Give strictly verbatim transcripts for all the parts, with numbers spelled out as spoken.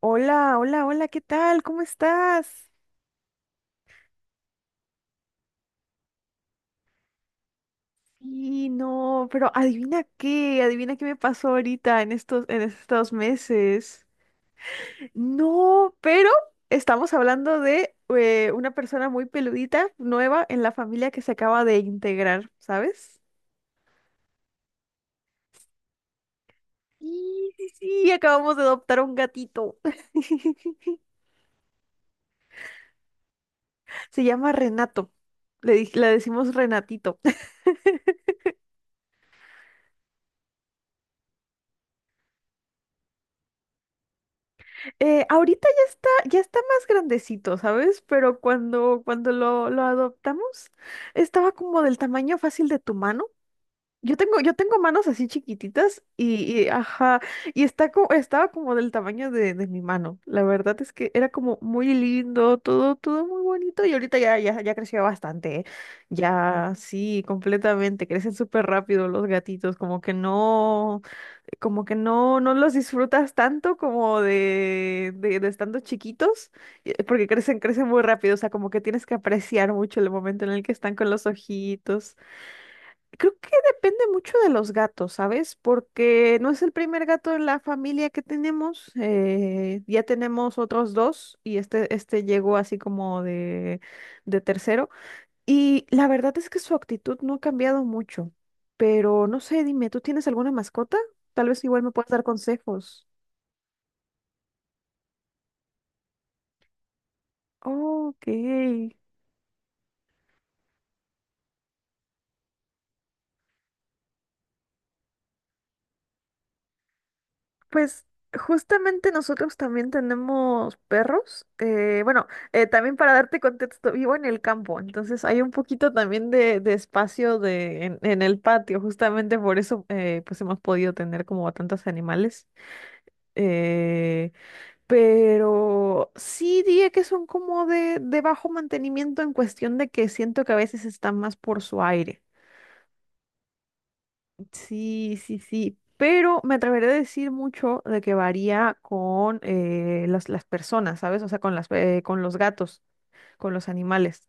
Hola, hola, hola, ¿qué tal? ¿Cómo estás? Y no, pero adivina qué, adivina qué me pasó ahorita en estos, en estos meses. No, pero estamos hablando de eh, una persona muy peludita, nueva en la familia que se acaba de integrar, ¿sabes? Sí, sí, sí, acabamos de adoptar un gatito. Se llama Renato. Le, dij- le decimos Renatito. Eh, ahorita ya está, ya está más grandecito, ¿sabes? Pero cuando, cuando lo, lo adoptamos, estaba como del tamaño fácil de tu mano. Yo tengo, yo tengo manos así chiquititas y, y, ajá, y está co- estaba como del tamaño de, de mi mano. La verdad es que era como muy lindo, todo, todo muy bonito y ahorita ya, ya, ya creció bastante, ¿eh? Ya, sí, completamente, crecen súper rápido los gatitos, como que no como que no, no los disfrutas tanto como de, de, de estando chiquitos, eh, porque crecen, crecen muy rápido, o sea, como que tienes que apreciar mucho el momento en el que están con los ojitos. Creo que depende mucho de los gatos, ¿sabes? Porque no es el primer gato en la familia que tenemos, eh, ya tenemos otros dos y este, este llegó así como de, de tercero. Y la verdad es que su actitud no ha cambiado mucho, pero no sé, dime, ¿tú tienes alguna mascota? Tal vez igual me puedas dar consejos. Ok, pues justamente nosotros también tenemos perros. eh, bueno, eh, también para darte contexto, vivo en el campo, entonces hay un poquito también de, de espacio de, en, en el patio, justamente por eso eh, pues hemos podido tener como a tantos animales. Eh, Pero sí diría que son como de, de bajo mantenimiento en cuestión de que siento que a veces están más por su aire. Sí, sí, sí. Pero me atreveré a decir mucho de que varía con eh, las, las personas, ¿sabes? O sea, con las, eh, con los gatos, con los animales.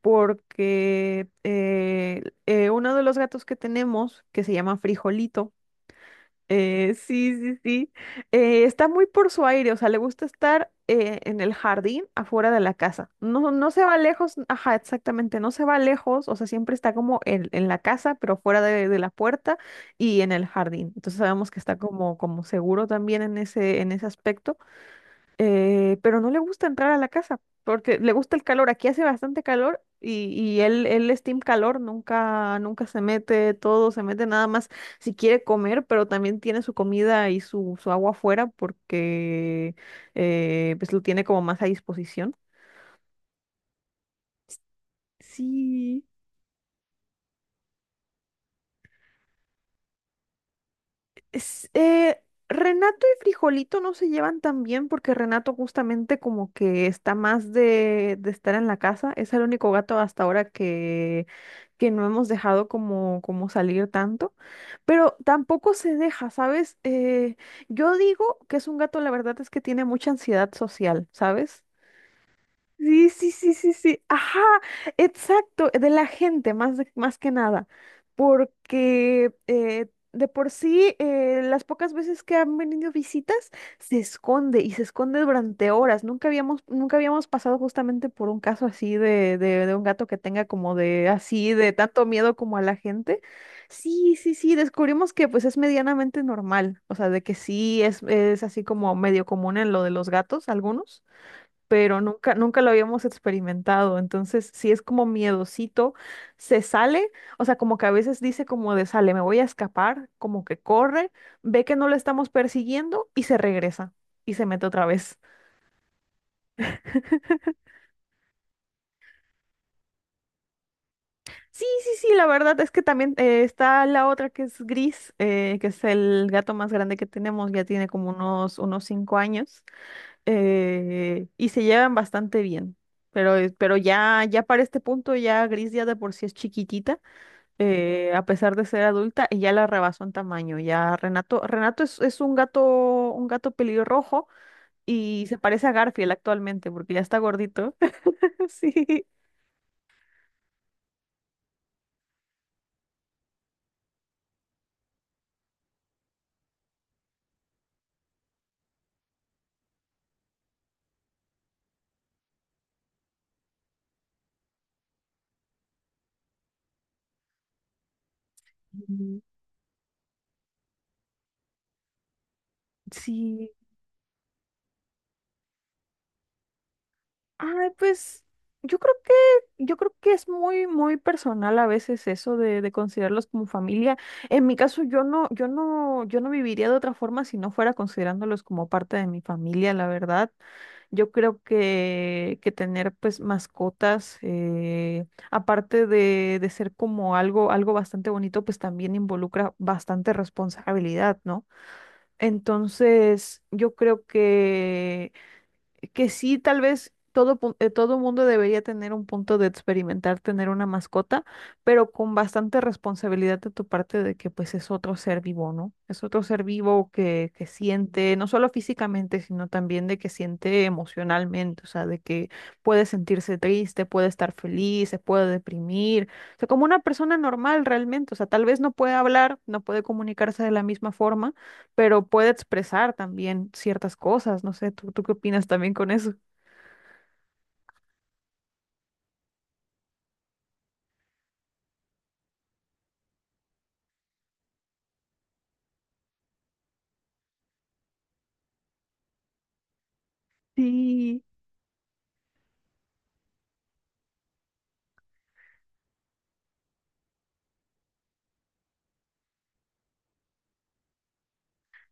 Porque eh, eh, uno de los gatos que tenemos, que se llama Frijolito. Eh, sí, sí, sí. Eh, está muy por su aire, o sea, le gusta estar eh, en el jardín afuera de la casa. No, no se va lejos, ajá, exactamente, no se va lejos, o sea, siempre está como en, en la casa, pero fuera de, de la puerta y en el jardín. Entonces sabemos que está como, como seguro también en ese, en ese aspecto, eh, pero no le gusta entrar a la casa porque le gusta el calor. Aquí hace bastante calor y, y él, él es team calor, nunca, nunca se mete todo, se mete nada más si quiere comer, pero también tiene su comida y su, su agua afuera porque eh, pues lo tiene como más a disposición. Sí. Es- eh, Renato y Frijolito no se llevan tan bien porque Renato justamente como que está más de, de estar en la casa. Es el único gato hasta ahora que, que no hemos dejado como, como salir tanto. Pero tampoco se deja, ¿sabes? Eh, yo digo que es un gato, la verdad es que tiene mucha ansiedad social, ¿sabes? Sí, sí, sí, sí, sí. Ajá, exacto, de la gente, más, de- más que nada, porque eh, de por sí, eh, las pocas veces que han venido visitas, se esconde y se esconde durante horas. Nunca habíamos, nunca habíamos pasado justamente por un caso así de, de, de un gato que tenga como de así, de tanto miedo como a la gente. Sí, sí, sí, descubrimos que pues es medianamente normal, o sea, de que sí es, es así como medio común en lo de los gatos, algunos pero nunca, nunca lo habíamos experimentado. Entonces, sí es como miedosito, se sale, o sea, como que a veces dice como de sale, me voy a escapar, como que corre, ve que no lo estamos persiguiendo y se regresa y se mete otra vez. Sí, sí, sí, la verdad es que también eh, está la otra que es gris, eh, que es el gato más grande que tenemos, ya tiene como unos, unos cinco años, eh, y se llevan bastante bien. Pero, eh, pero ya, ya para este punto, ya Gris ya de por sí es chiquitita, eh, a pesar de ser adulta, y ya la rebasó en tamaño. Ya Renato, Renato es, es un gato, un gato pelirrojo y se parece a Garfield actualmente porque ya está gordito. Sí. Mm. Sí. Ay, pues yo creo que, yo creo que es muy, muy personal a veces eso de, de considerarlos como familia. En mi caso, yo no, yo no, yo no viviría de otra forma si no fuera considerándolos como parte de mi familia, la verdad. Yo creo que, que tener pues mascotas, eh, aparte de, de ser como algo, algo bastante bonito, pues también involucra bastante responsabilidad, ¿no? Entonces, yo creo que que sí, tal vez todo, pu- eh, todo mundo debería tener un punto de experimentar tener una mascota, pero con bastante responsabilidad de tu parte de que pues es otro ser vivo, ¿no? Es otro ser vivo que, que siente, no solo físicamente, sino también de que siente emocionalmente, o sea, de que puede sentirse triste, puede estar feliz, se puede deprimir, o sea, como una persona normal realmente, o sea, tal vez no puede hablar, no puede comunicarse de la misma forma, pero puede expresar también ciertas cosas. No sé, ¿tú, tú qué opinas también con eso? Sí.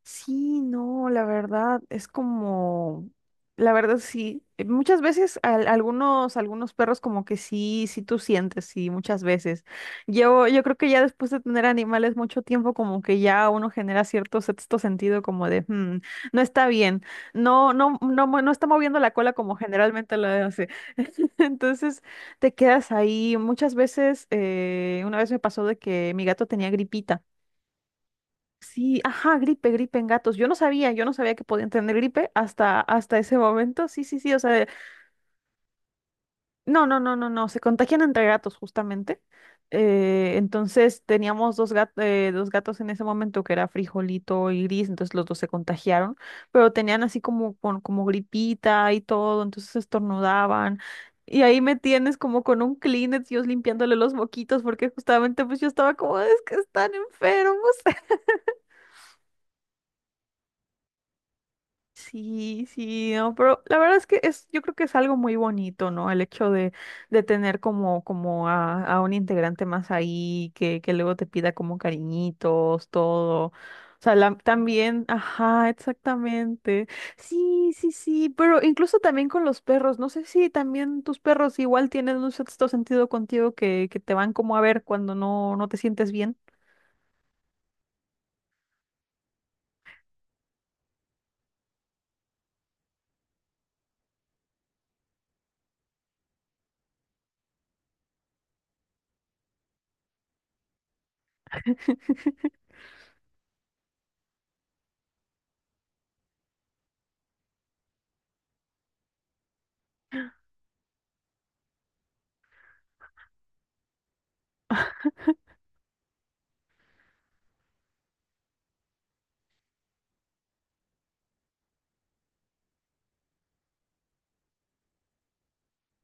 Sí, no, la verdad es como, la verdad sí, eh, muchas veces al- algunos, algunos perros como que sí, sí tú sientes, sí, muchas veces. Yo, yo creo que ya después de tener animales mucho tiempo como que ya uno genera cierto sexto sentido como de, "Hmm, no está bien, no, no, no, mo- no está moviendo la cola como generalmente lo hace." Entonces te quedas ahí. Muchas veces, eh, una vez me pasó de que mi gato tenía gripita. Sí, ajá, gripe, gripe en gatos. Yo no sabía, yo no sabía que podían tener gripe hasta, hasta ese momento. Sí, sí, sí, o sea, no, no, no, no, no, se contagian entre gatos justamente. Eh, entonces teníamos dos, gat- eh, dos gatos en ese momento que era Frijolito y Gris, entonces los dos se contagiaron, pero tenían así como, con- como gripita y todo, entonces estornudaban. Y ahí me tienes como con un Kleenex, yo limpiándole los moquitos, porque justamente pues yo estaba como, es que están enfermos. Sí, sí, no, pero la verdad es que es, yo creo que es algo muy bonito, ¿no? El hecho de, de tener como, como a, a un integrante más ahí, que, que luego te pida como cariñitos, todo. O sea, la- también, ajá, exactamente. Sí, sí, sí, pero incluso también con los perros, no sé si también tus perros igual tienen un sexto sentido contigo que, que te van como a ver cuando no, no te sientes bien.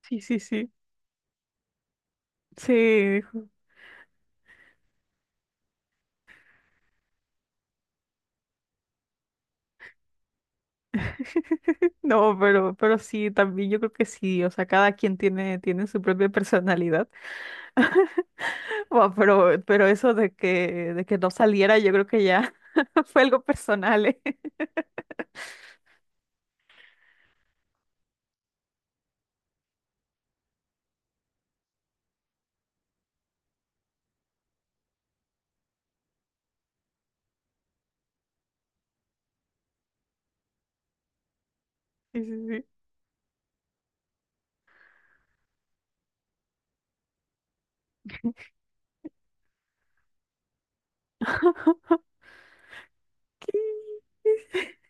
Sí, sí, sí. Sí, dijo. No, pero, pero sí, también yo creo que sí, o sea, cada quien tiene, tiene su propia personalidad. Bueno, pero, pero eso de que, de que no saliera, yo creo que ya fue algo personal, ¿eh? Sí, sí, sí. ¿Qué?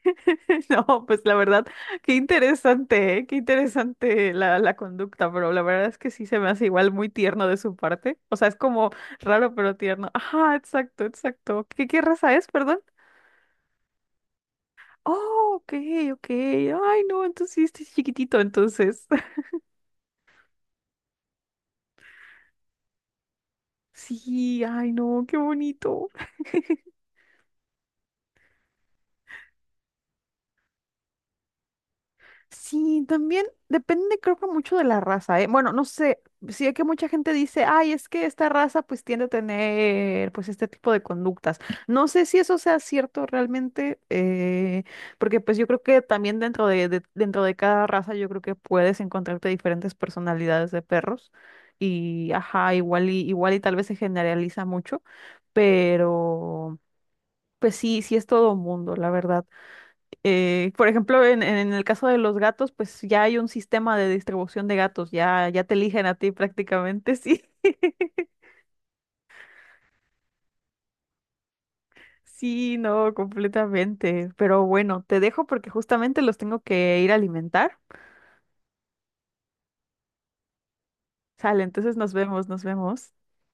No, pues la verdad, qué interesante, ¿eh? Qué interesante la, la conducta, pero la verdad es que sí se me hace igual muy tierno de su parte. O sea, es como raro pero tierno. Ajá, exacto, exacto. ¿Qué, qué raza es, perdón? Oh, ok, ok. Ay, no, entonces sí, este sí es chiquitito, entonces. Sí, ay, no, qué bonito. Sí, también depende, creo que mucho de la raza, ¿eh? Bueno, no sé, sí que mucha gente dice, ay, es que esta raza pues tiende a tener pues este tipo de conductas. No sé si eso sea cierto realmente, eh, porque pues yo creo que también dentro de, de- dentro de cada raza yo creo que puedes encontrarte diferentes personalidades de perros y, ajá, igual y, igual y tal vez se generaliza mucho, pero pues sí, sí es todo mundo, la verdad. Eh, por ejemplo, en, en el caso de los gatos, pues ya hay un sistema de distribución de gatos, ya, ya te eligen a ti prácticamente, sí. Sí, no, completamente. Pero bueno, te dejo porque justamente los tengo que ir a alimentar. Sale, entonces nos vemos, nos vemos.